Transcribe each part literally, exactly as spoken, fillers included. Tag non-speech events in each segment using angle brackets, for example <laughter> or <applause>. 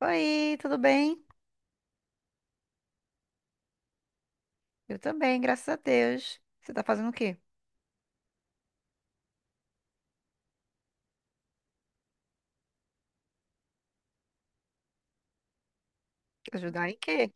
Oi, tudo bem? Eu também, graças a Deus. Você tá fazendo o quê? Ajudar em quê?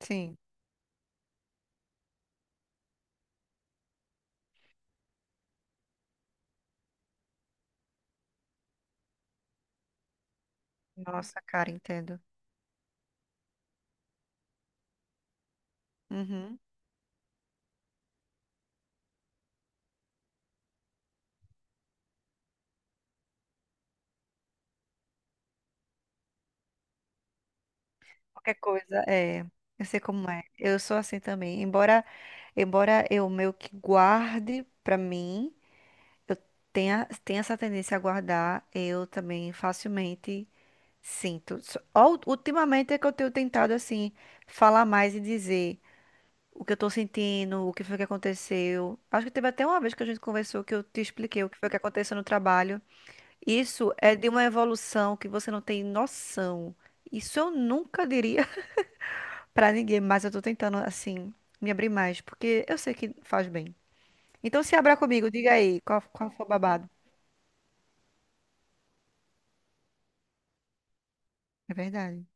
Sim. Nossa, cara, entendo. Uhum. Qualquer coisa, é. Eu sei como é. Eu sou assim também. Embora, embora eu meio que guarde pra mim, eu tenha, tenha essa tendência a guardar, eu também facilmente sinto. Só- ó, ultimamente é que eu tenho tentado, assim, falar mais e dizer o que eu tô sentindo, o que foi que aconteceu. Acho que teve até uma vez que a gente conversou que eu te expliquei o que foi que aconteceu no trabalho. Isso é de uma evolução que você não tem noção. Isso eu nunca diria <laughs> pra ninguém, mas eu tô tentando, assim, me abrir mais, porque eu sei que faz bem. Então se abra comigo, diga aí, qual, qual foi o babado? É verdade.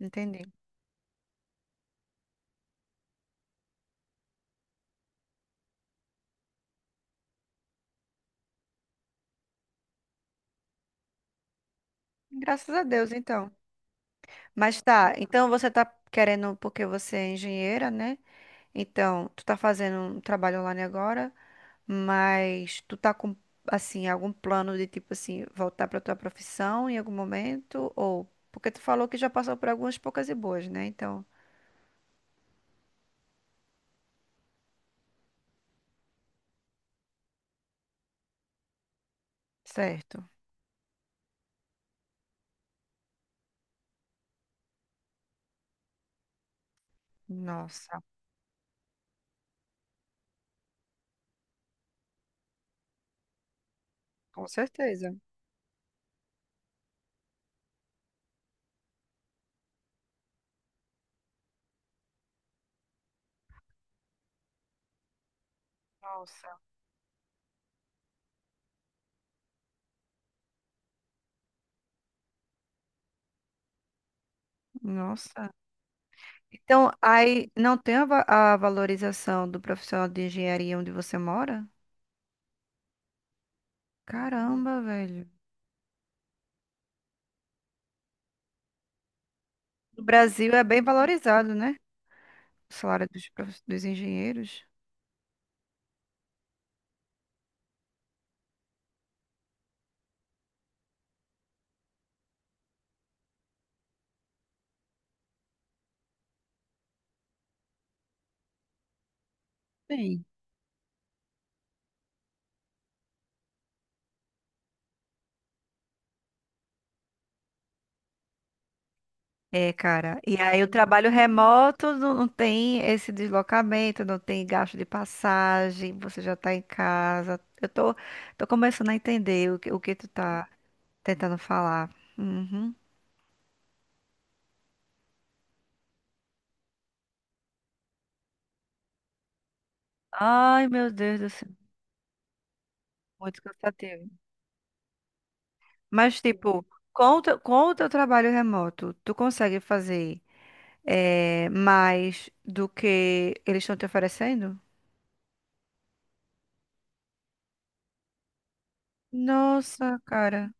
Entendi. Graças a Deus, então. Mas tá, então você tá querendo, porque você é engenheira, né? Então, tu tá fazendo um trabalho online agora? Mas tu tá com, assim, algum plano de, tipo assim, voltar pra tua profissão em algum momento? Ou... porque tu falou que já passou por algumas poucas e boas, né? Então, certo. Nossa, com certeza. Nossa, nossa. Então, aí não tem a, va- a valorização do profissional de engenharia onde você mora? Caramba, velho. No Brasil é bem valorizado, né? O salário dos, prof- dos engenheiros. Sim. É, cara. E aí o trabalho remoto não, não tem esse deslocamento, não tem gasto de passagem, você já tá em casa. Eu tô, tô começando a entender o que, o que tu tá tentando falar. Uhum. Ai, meu Deus do céu, muito cansativo. Mas, tipo, com o teu, com o teu trabalho remoto, tu consegue fazer eh, mais do que eles estão te oferecendo? Nossa, cara.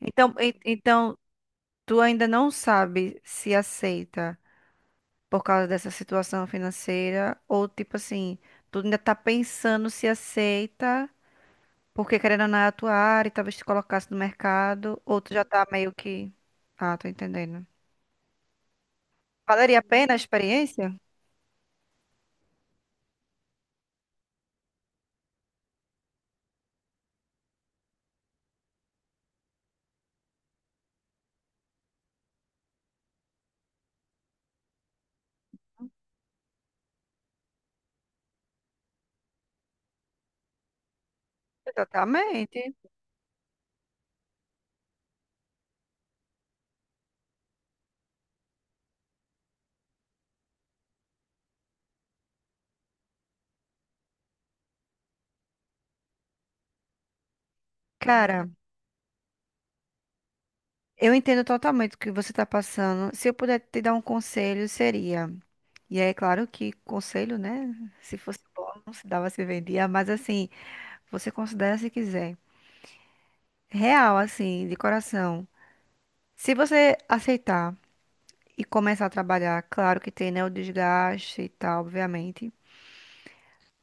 Então, en- então, tu ainda não sabe se aceita, por causa dessa situação financeira? Ou tipo assim, tu ainda tá pensando se aceita, porque querendo ou não é a tua área e talvez te colocasse no mercado, ou tu já tá meio que. Ah, tô entendendo. Valeria a pena a experiência? Totalmente. Cara, eu entendo totalmente o que você tá passando. Se eu puder te dar um conselho, seria. E aí, claro que conselho, né? Se fosse bom, não se dava, se vendia. Mas assim, você considera se quiser. Real, assim, de coração. Se você aceitar e começar a trabalhar, claro que tem, né, o desgaste e tal, obviamente.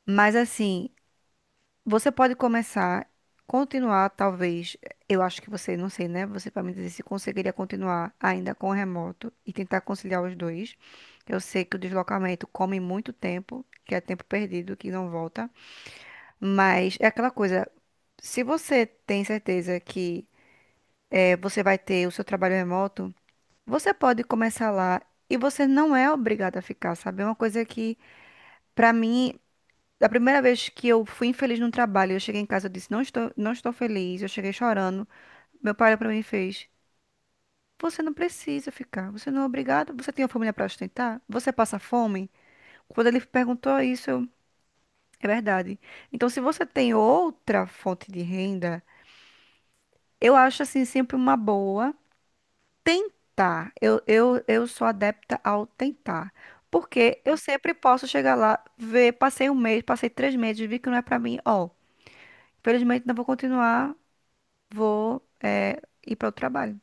Mas assim, você pode começar, continuar, talvez. Eu acho que você, não sei, né? Você para me dizer se conseguiria continuar ainda com o remoto e tentar conciliar os dois. Eu sei que o deslocamento come muito tempo, que é tempo perdido, que não volta. Mas é aquela coisa. Se você tem certeza que eh, você vai ter o seu trabalho remoto, você pode começar lá e você não é obrigado a ficar, sabe? É uma coisa que, pra mim, da primeira vez que eu fui infeliz no trabalho, eu cheguei em casa, e disse, não estou, não estou feliz, eu cheguei chorando. Meu pai olhou pra mim e fez, você não precisa ficar, você não é obrigado, você tem uma família pra sustentar, você passa fome. Quando ele perguntou isso, eu, é verdade. Então, se você tem outra fonte de renda, eu acho assim sempre uma boa. Tentar. Eu, eu, eu sou adepta ao tentar. Porque eu sempre posso chegar lá, ver, passei um mês, passei três meses, vi que não é pra mim. Ó, infelizmente não vou continuar, vou é, ir para o trabalho.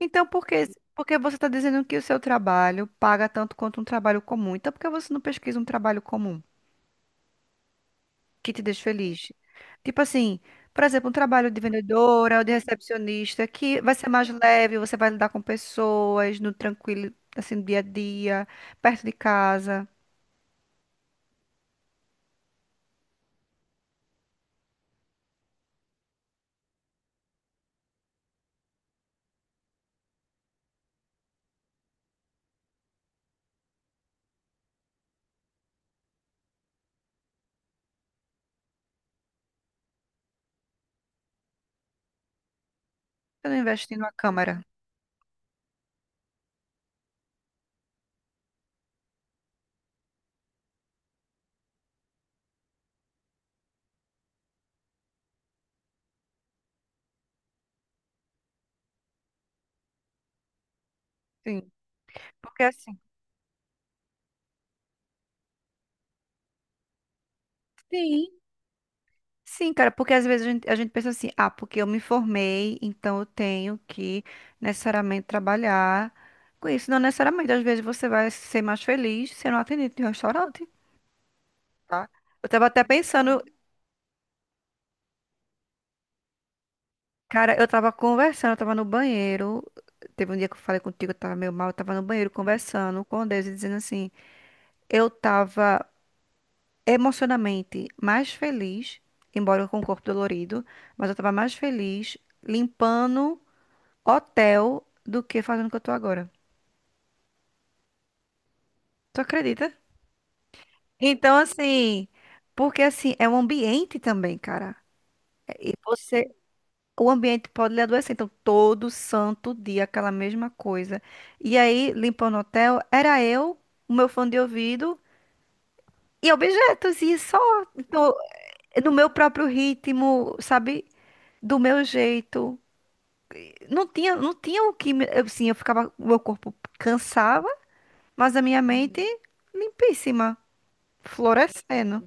Então, por que, por que você está dizendo que o seu trabalho paga tanto quanto um trabalho comum? Então, por que você não pesquisa um trabalho comum que te deixa feliz? Tipo assim, por exemplo, um trabalho de vendedora ou de recepcionista que vai ser mais leve, você vai lidar com pessoas no tranquilo, assim, no dia a dia, perto de casa. Eu não investi numa câmera. Sim. Porque assim. Sim. Sim, cara, porque às vezes a gente, a gente pensa assim, ah, porque eu me formei, então eu tenho que necessariamente trabalhar com isso. Não necessariamente, às vezes você vai ser mais feliz sendo atendente de um restaurante, tá? Eu tava até pensando. Cara, eu tava conversando, eu tava no banheiro. Teve um dia que eu falei contigo, eu tava meio mal, eu tava no banheiro conversando com Deus e dizendo assim: eu tava emocionalmente mais feliz, embora com o corpo dolorido, mas eu tava mais feliz limpando hotel do que fazendo o que eu tô agora. Tu acredita? Então, assim, porque assim, é um ambiente também, cara. E você. O ambiente pode lhe adoecer. Então, todo santo dia, aquela mesma coisa. E aí, limpando o hotel, era eu, o meu fone de ouvido e objetos, e só no, no meu próprio ritmo, sabe? Do meu jeito. Não tinha, não tinha o que me- eu, sim, eu ficava. o meu corpo cansava, mas a minha mente limpíssima, florescendo.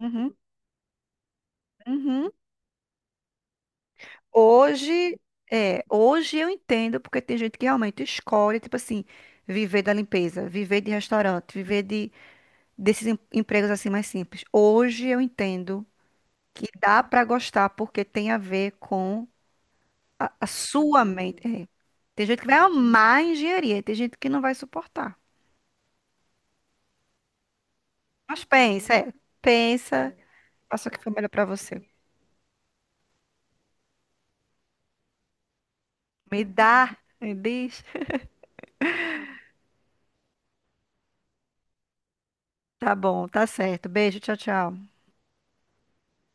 Uhum, uhum. Hoje, é, hoje eu entendo porque tem gente que realmente escolhe, tipo assim, viver da limpeza, viver de restaurante, viver de desses em- empregos assim mais simples. Hoje eu entendo que dá pra gostar porque tem a ver com a, a sua mente. É. Tem gente que vai amar a engenharia, e tem gente que não vai suportar. Mas pensa, é, pensa, faça o que for melhor pra você. Me dá, me diz. Tá bom, tá certo. Beijo, tchau, tchau.